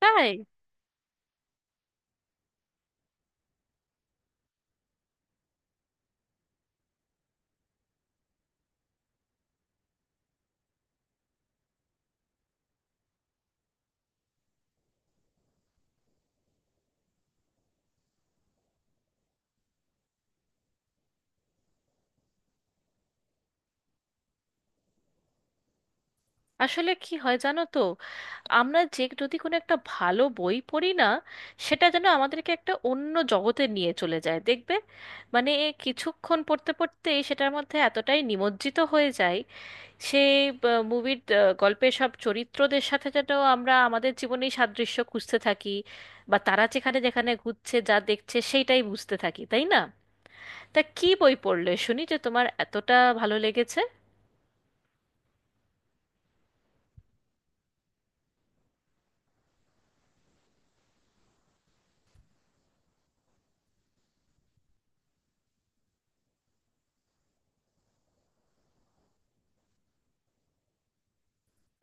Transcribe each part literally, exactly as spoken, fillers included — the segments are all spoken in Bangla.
তাই। আসলে কি হয় জানো তো, আমরা যে যদি কোনো একটা ভালো বই পড়ি না, সেটা যেন আমাদেরকে একটা অন্য জগতে নিয়ে চলে যায় দেখবে। মানে কিছুক্ষণ পড়তে পড়তে সেটার মধ্যে এতটাই নিমজ্জিত হয়ে যায়, সেই মুভির, গল্পের সব চরিত্রদের সাথে যেন আমরা আমাদের জীবনেই সাদৃশ্য খুঁজতে থাকি, বা তারা যেখানে যেখানে ঘুরছে যা দেখছে সেইটাই বুঝতে থাকি, তাই না? তা কি বই পড়লে শুনি যে তোমার এতটা ভালো লেগেছে?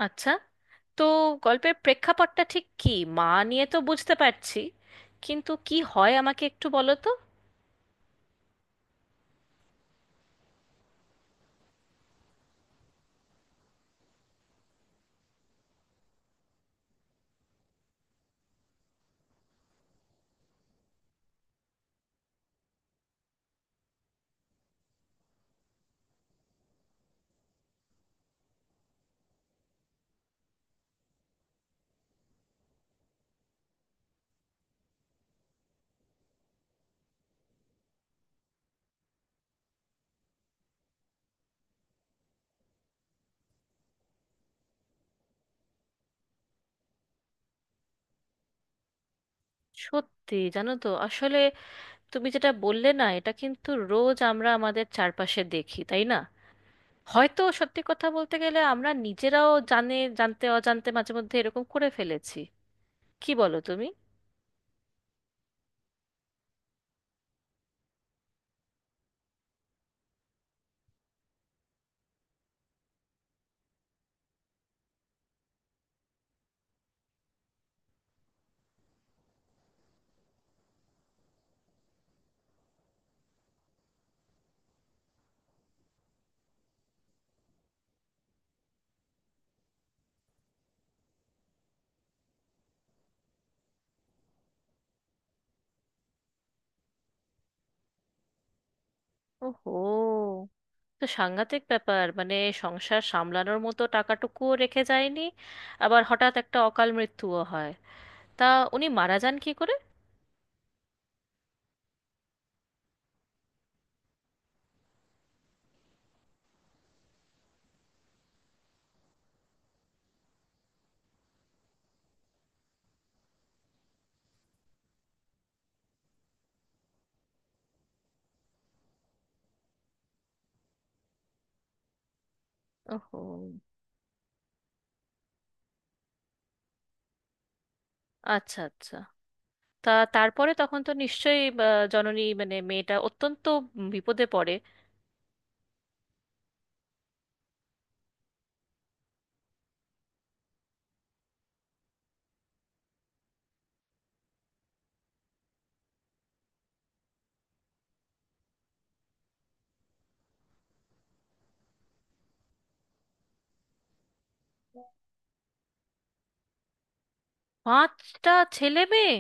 আচ্ছা, তো গল্পের প্রেক্ষাপটটা ঠিক কি? মা নিয়ে তো বুঝতে পারছি, কিন্তু কি হয় আমাকে একটু বলো তো। সত্যি জানো তো আসলে, তুমি যেটা বললে না, এটা কিন্তু রোজ আমরা আমাদের চারপাশে দেখি, তাই না? হয়তো সত্যি কথা বলতে গেলে আমরা নিজেরাও জানে জানতে অজান্তে মাঝে মধ্যে এরকম করে ফেলেছি, কি বলো তুমি? ওহো, তো সাংঘাতিক ব্যাপার। মানে সংসার সামলানোর মতো টাকাটুকুও রেখে যায়নি, আবার হঠাৎ একটা অকাল মৃত্যুও হয়। তা উনি মারা যান কি করে? ওহো। আচ্ছা আচ্ছা, তা তারপরে তখন তো নিশ্চয়ই বা, জননী মানে মেয়েটা অত্যন্ত বিপদে পড়ে। পাঁচটা ছেলে মেয়ে?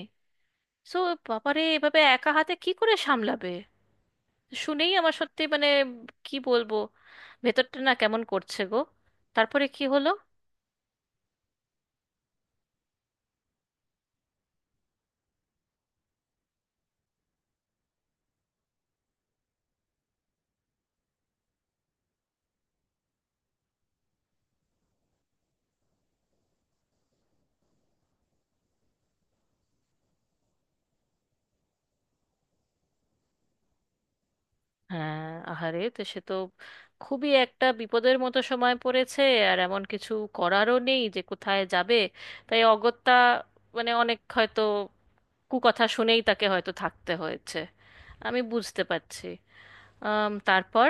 সো বাবারে, এভাবে একা হাতে কি করে সামলাবে! শুনেই আমার সত্যি মানে কি বলবো, ভেতরটা না কেমন করছে গো। তারপরে কি হলো? হ্যাঁ, আহারে, তো সে তো খুবই একটা বিপদের মতো সময় পড়েছে। আর এমন কিছু করারও নেই যে কোথায় যাবে, তাই অগত্যা মানে অনেক হয়তো কুকথা শুনেই তাকে হয়তো থাকতে হয়েছে, আমি বুঝতে পারছি। আম, তারপর?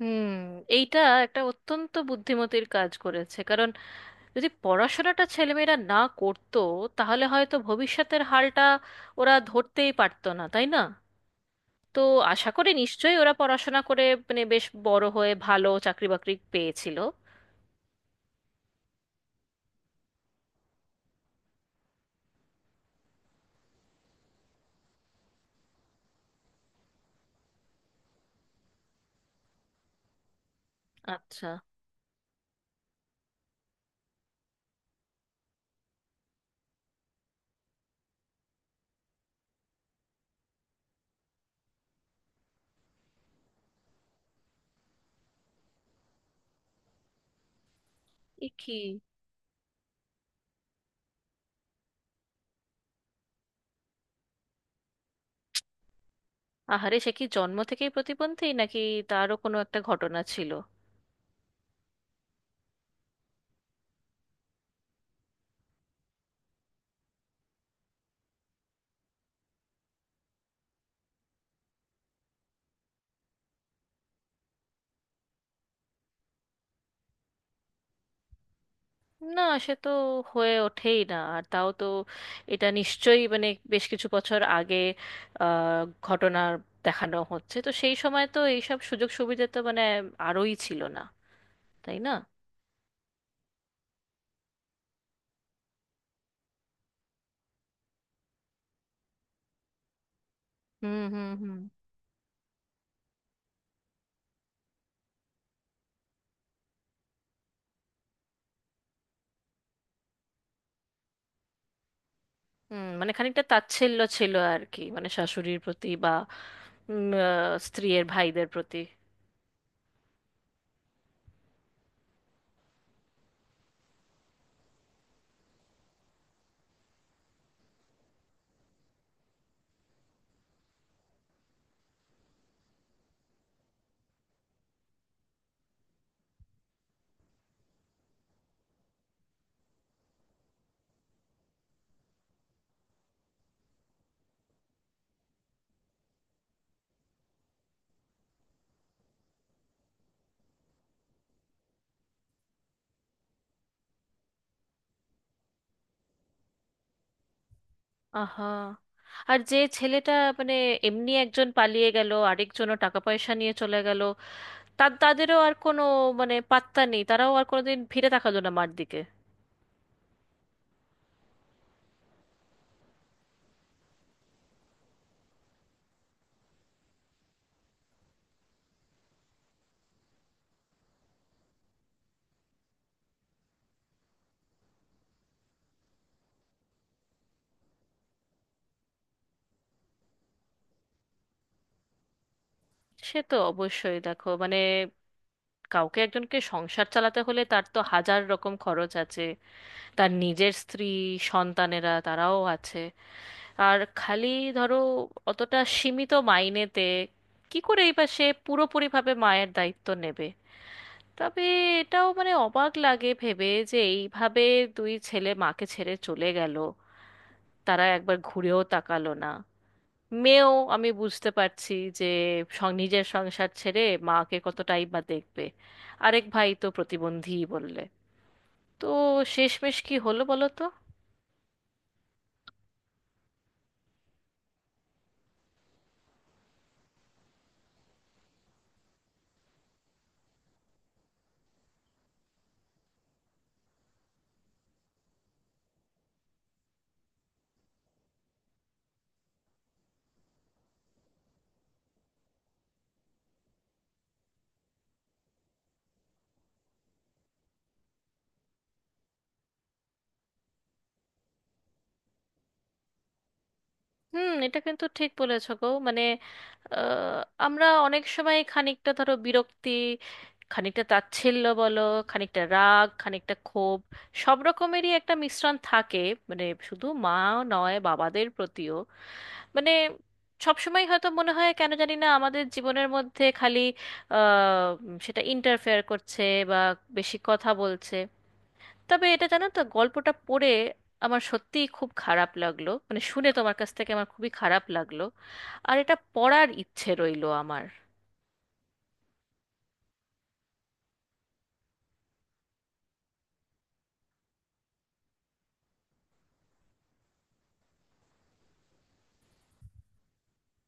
হুম, এইটা একটা অত্যন্ত বুদ্ধিমতির কাজ করেছে, কারণ যদি পড়াশোনাটা ছেলেমেয়েরা না করতো, তাহলে হয়তো ভবিষ্যতের হালটা ওরা ধরতেই পারতো না, তাই না? তো আশা করি নিশ্চয়ই ওরা পড়াশোনা করে মানে বেশ বড় হয়ে ভালো চাকরি বাকরি পেয়েছিল। আচ্ছা। এ কি! আহারে, সে কি জন্ম থেকেই প্রতিবন্ধী নাকি তারও কোনো একটা ঘটনা ছিল? না, সে তো হয়ে ওঠেই না। আর তাও তো এটা নিশ্চয়ই মানে বেশ কিছু বছর আগে আহ, ঘটনার দেখানো হচ্ছে, তো সেই সময় তো এইসব সুযোগ সুবিধা তো মানে আরোই ছিল না, তাই না? হুম হুম হুম। হুম, মানে খানিকটা তাচ্ছিল্য ছিল আর কি, মানে শাশুড়ির প্রতি, বা উম, আহ, স্ত্রীয়ের ভাইদের প্রতি। আহা, আর যে ছেলেটা মানে এমনি একজন পালিয়ে গেল, আরেকজনও টাকা পয়সা নিয়ে চলে গেল। তা তাদেরও আর কোনো মানে পাত্তা নেই, তারাও আর কোনোদিন ফিরে তাকালো না মার দিকে। সে তো অবশ্যই, দেখো মানে কাউকে একজনকে সংসার চালাতে হলে তার তো হাজার রকম খরচ আছে। তার নিজের স্ত্রী, সন্তানেরা তারাও আছে। আর খালি ধরো অতটা সীমিত মাইনেতে কি করেই বা সে পুরোপুরিভাবে মায়ের দায়িত্ব নেবে। তবে এটাও মানে অবাক লাগে ভেবে যে এইভাবে দুই ছেলে মাকে ছেড়ে চলে গেল, তারা একবার ঘুরেও তাকালো না। মেয়েও আমি বুঝতে পারছি যে সং- নিজের সংসার ছেড়ে মাকে কতটাই বা দেখবে। আরেক ভাই তো প্রতিবন্ধীই বললে। তো শেষমেশ কি হলো বলো তো? হুম, এটা কিন্তু ঠিক বলেছো গো। মানে আহ, আমরা অনেক সময় খানিকটা ধরো বিরক্তি, খানিকটা তাচ্ছিল্য বলো, খানিকটা রাগ, খানিকটা ক্ষোভ, সব রকমেরই একটা মিশ্রণ থাকে। মানে শুধু মা নয়, বাবাদের প্রতিও মানে সবসময় হয়তো মনে হয় কেন জানি না আমাদের জীবনের মধ্যে খালি আহ, উম, সেটা ইন্টারফেয়ার করছে বা বেশি কথা বলছে। তবে এটা জানো তো গল্পটা পড়ে আমার সত্যিই খুব খারাপ লাগলো, মানে শুনে তোমার কাছ থেকে আমার খুবই খারাপ লাগলো। আর এটা পড়ার ইচ্ছে রইলো আমার।